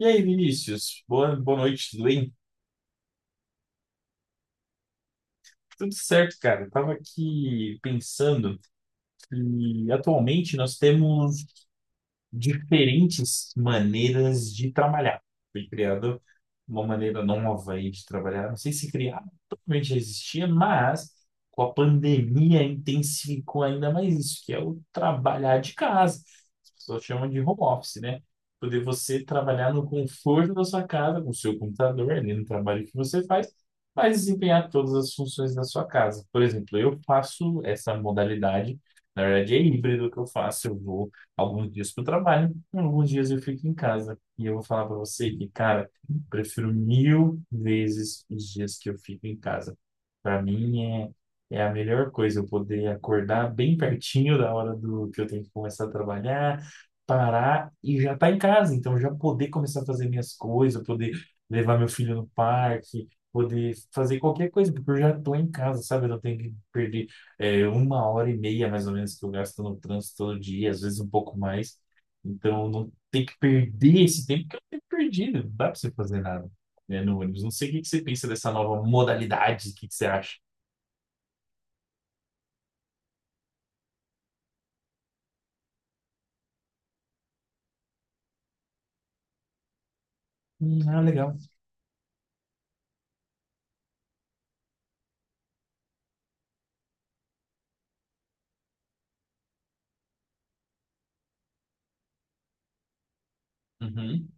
E aí, Vinícius? Boa noite, tudo bem? Tudo certo, cara. Eu tava aqui pensando que atualmente nós temos diferentes maneiras de trabalhar. Foi criado uma maneira nova aí de trabalhar. Não sei se criar, totalmente já existia, mas com a pandemia intensificou ainda mais isso, que é o trabalhar de casa. As pessoas chamam de home office, né? Poder você trabalhar no conforto da sua casa, com o seu computador, ali no trabalho que você faz, mas desempenhar todas as funções da sua casa. Por exemplo, eu faço essa modalidade, na verdade é híbrido que eu faço, eu vou alguns dias para o trabalho, e alguns dias eu fico em casa. E eu vou falar para você que, cara, prefiro mil vezes os dias que eu fico em casa. Para mim é, é a melhor coisa eu poder acordar bem pertinho da hora do que eu tenho que começar a trabalhar, parar e já estar em casa. Então já poder começar a fazer minhas coisas, poder levar meu filho no parque, poder fazer qualquer coisa, porque eu já tô em casa, sabe? Eu não tenho que perder é uma hora e meia, mais ou menos, que eu gasto no trânsito todo dia, às vezes um pouco mais. Então, não tem que perder esse tempo que é um tempo perdido. Não dá para você fazer nada, né, no ônibus. Não sei o que que você pensa dessa nova modalidade, o que que você acha? Ah, legal. Uhum,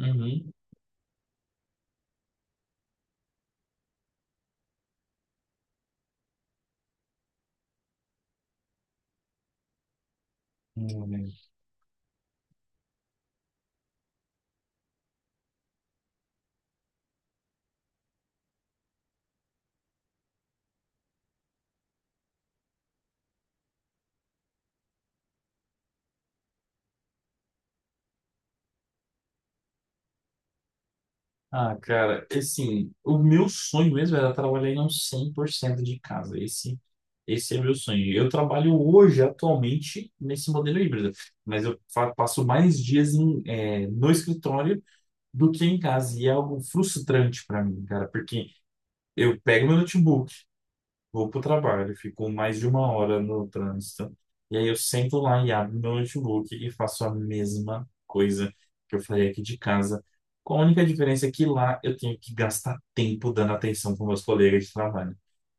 uhum. Né. Ah, cara, assim, o meu sonho mesmo era trabalhar em uns 100% de casa. Esse é meu sonho. Eu trabalho hoje, atualmente, nesse modelo híbrido, mas eu passo mais dias em, no escritório do que em casa. E é algo frustrante para mim, cara, porque eu pego meu notebook, vou pro trabalho, fico mais de uma hora no trânsito, e aí eu sento lá e abro meu notebook e faço a mesma coisa que eu faria aqui de casa. Com a única diferença é que lá eu tenho que gastar tempo dando atenção para meus colegas de trabalho.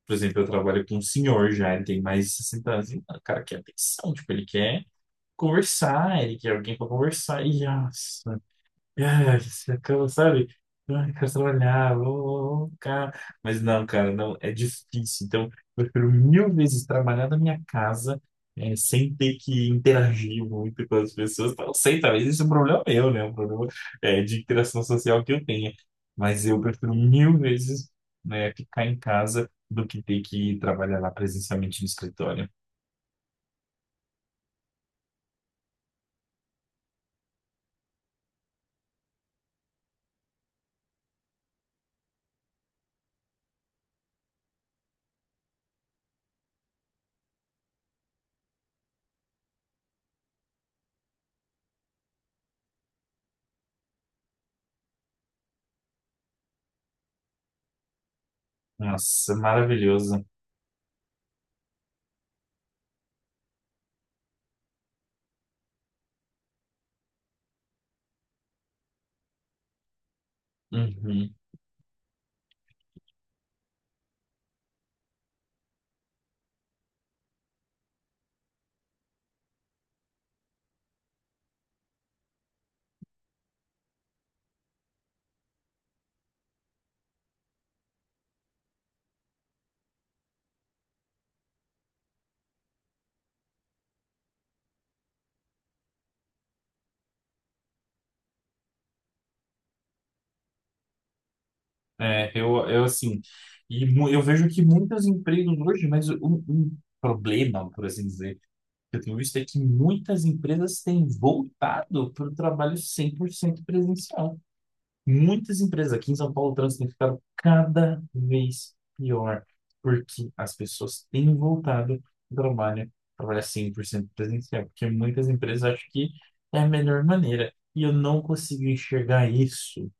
Por exemplo, eu trabalho com um senhor já, ele tem mais de 60 anos, e o cara quer atenção, tipo, ele quer conversar, ele quer alguém para conversar, e nossa, ah, você acaba, sabe? Ai, quero trabalhar, vou ficar. Mas não, cara, não, é difícil. Então, eu prefiro mil vezes trabalhar da minha casa, sem ter que interagir muito com as pessoas. Então, eu sei, talvez esse é um problema meu, né? Um problema, de interação social que eu tenha. Mas eu prefiro mil vezes, né, ficar em casa do que ter que trabalhar lá presencialmente no escritório. Nossa, maravilhoso. Uhum. É, eu assim, eu vejo que muitos empregos hoje, mas um problema, por assim dizer, que eu tenho visto é que muitas empresas têm voltado para o trabalho 100% presencial. Muitas empresas aqui em São Paulo, o trânsito tem ficado cada vez pior, porque as pessoas têm voltado ao trabalho, trabalhar 100% presencial, porque muitas empresas acham que é a melhor maneira, e eu não consigo enxergar isso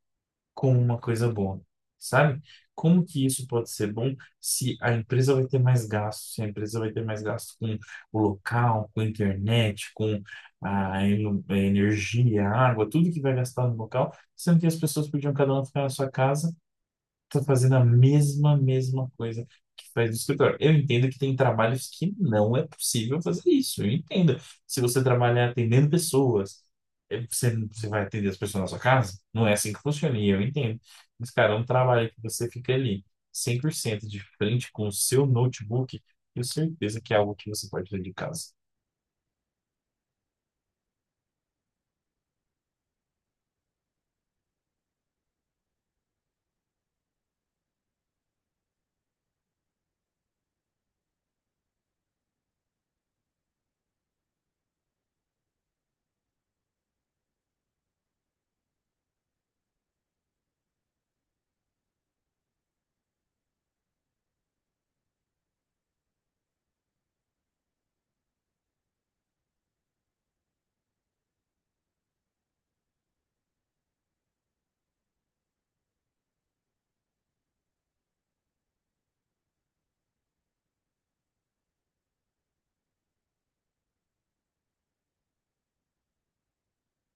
com uma coisa boa, sabe? Como que isso pode ser bom se a empresa vai ter mais gasto, se a empresa vai ter mais gasto com o local, com a internet, com a energia, a água, tudo que vai gastar no local, sendo que as pessoas podiam cada uma ficar na sua casa. Tô fazendo a mesma coisa que faz no escritório. Eu entendo que tem trabalhos que não é possível fazer isso. Eu entendo. Se você trabalhar atendendo pessoas, você vai atender as pessoas na sua casa? Não é assim que funciona, e eu entendo. Mas, cara, é um trabalho que você fica ali 100% de frente com o seu notebook, tenho certeza que é algo que você pode fazer de casa.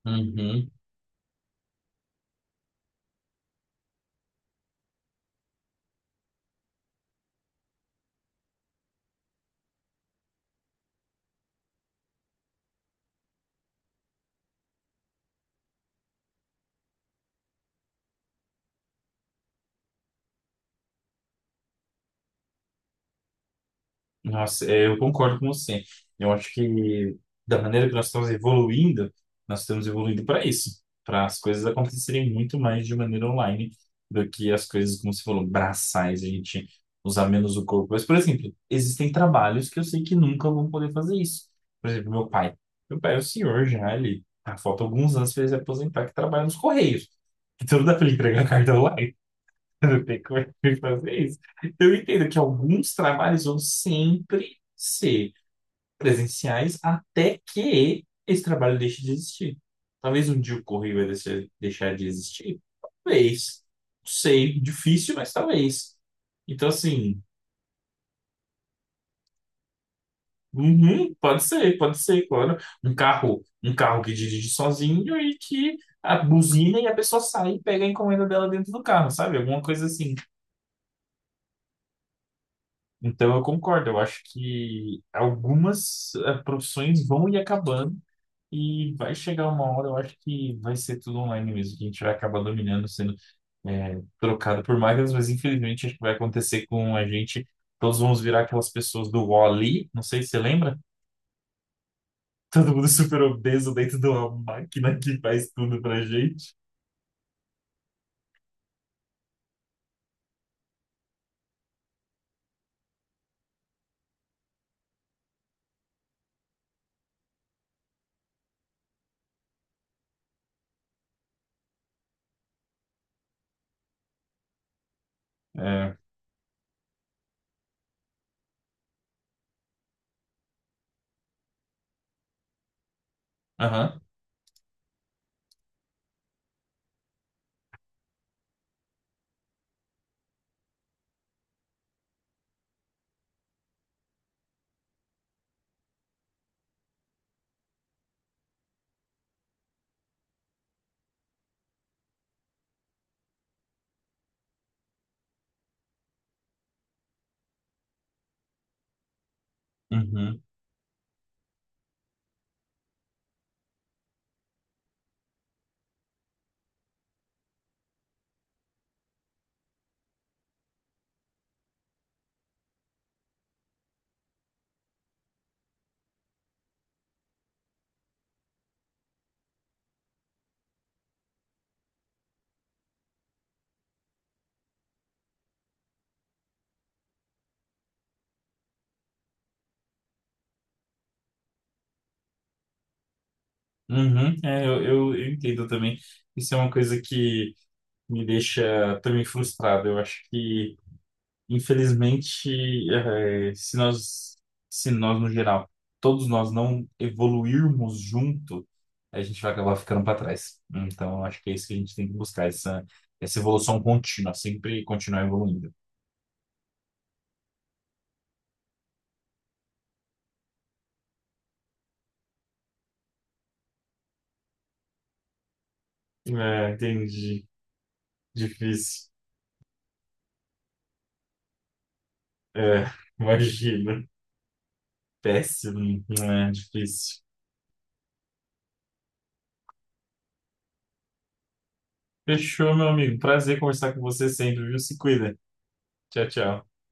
Uhum. Nossa, é, eu concordo com você. Eu acho que da maneira que nós estamos evoluindo para isso, para as coisas acontecerem muito mais de maneira online do que as coisas, como você falou, braçais, a gente usar menos o corpo. Mas, por exemplo, existem trabalhos que eu sei que nunca vão poder fazer isso. Por exemplo, meu pai. Meu pai é o senhor já, ele falta alguns anos para ele se aposentar, que trabalha nos Correios. Então não dá para ele entregar carta online. Eu tenho que fazer isso. Eu entendo que alguns trabalhos vão sempre ser presenciais até que esse trabalho deixe de existir. Talvez um dia o correio vai deixar de existir. Talvez. Não sei. Difícil, mas talvez. Então, assim, uhum, pode ser, claro. Um carro que dirige sozinho e que a buzina e a pessoa sai e pega a encomenda dela dentro do carro, sabe? Alguma coisa assim. Então, eu concordo. Eu acho que algumas profissões vão ir acabando e vai chegar uma hora, eu acho que vai ser tudo online mesmo, que a gente vai acabar dominando, sendo trocado por máquinas, mas infelizmente acho que vai acontecer com a gente. Todos vamos virar aquelas pessoas do Wall-E, não sei se você lembra? Todo mundo super obeso dentro de uma máquina que faz tudo pra gente. É. Aham. Uhum. Uhum. É, eu entendo também. Isso é uma coisa que me deixa também frustrado. Eu acho que, infelizmente, se nós, se nós no geral, todos nós não evoluirmos junto, a gente vai acabar ficando para trás. Então, eu acho que é isso que a gente tem que buscar, essa evolução contínua, sempre continuar evoluindo. É, entendi. Difícil. É, imagina. Péssimo. É, difícil. Fechou, meu amigo. Prazer conversar com você sempre, viu? Se cuida. Tchau, tchau.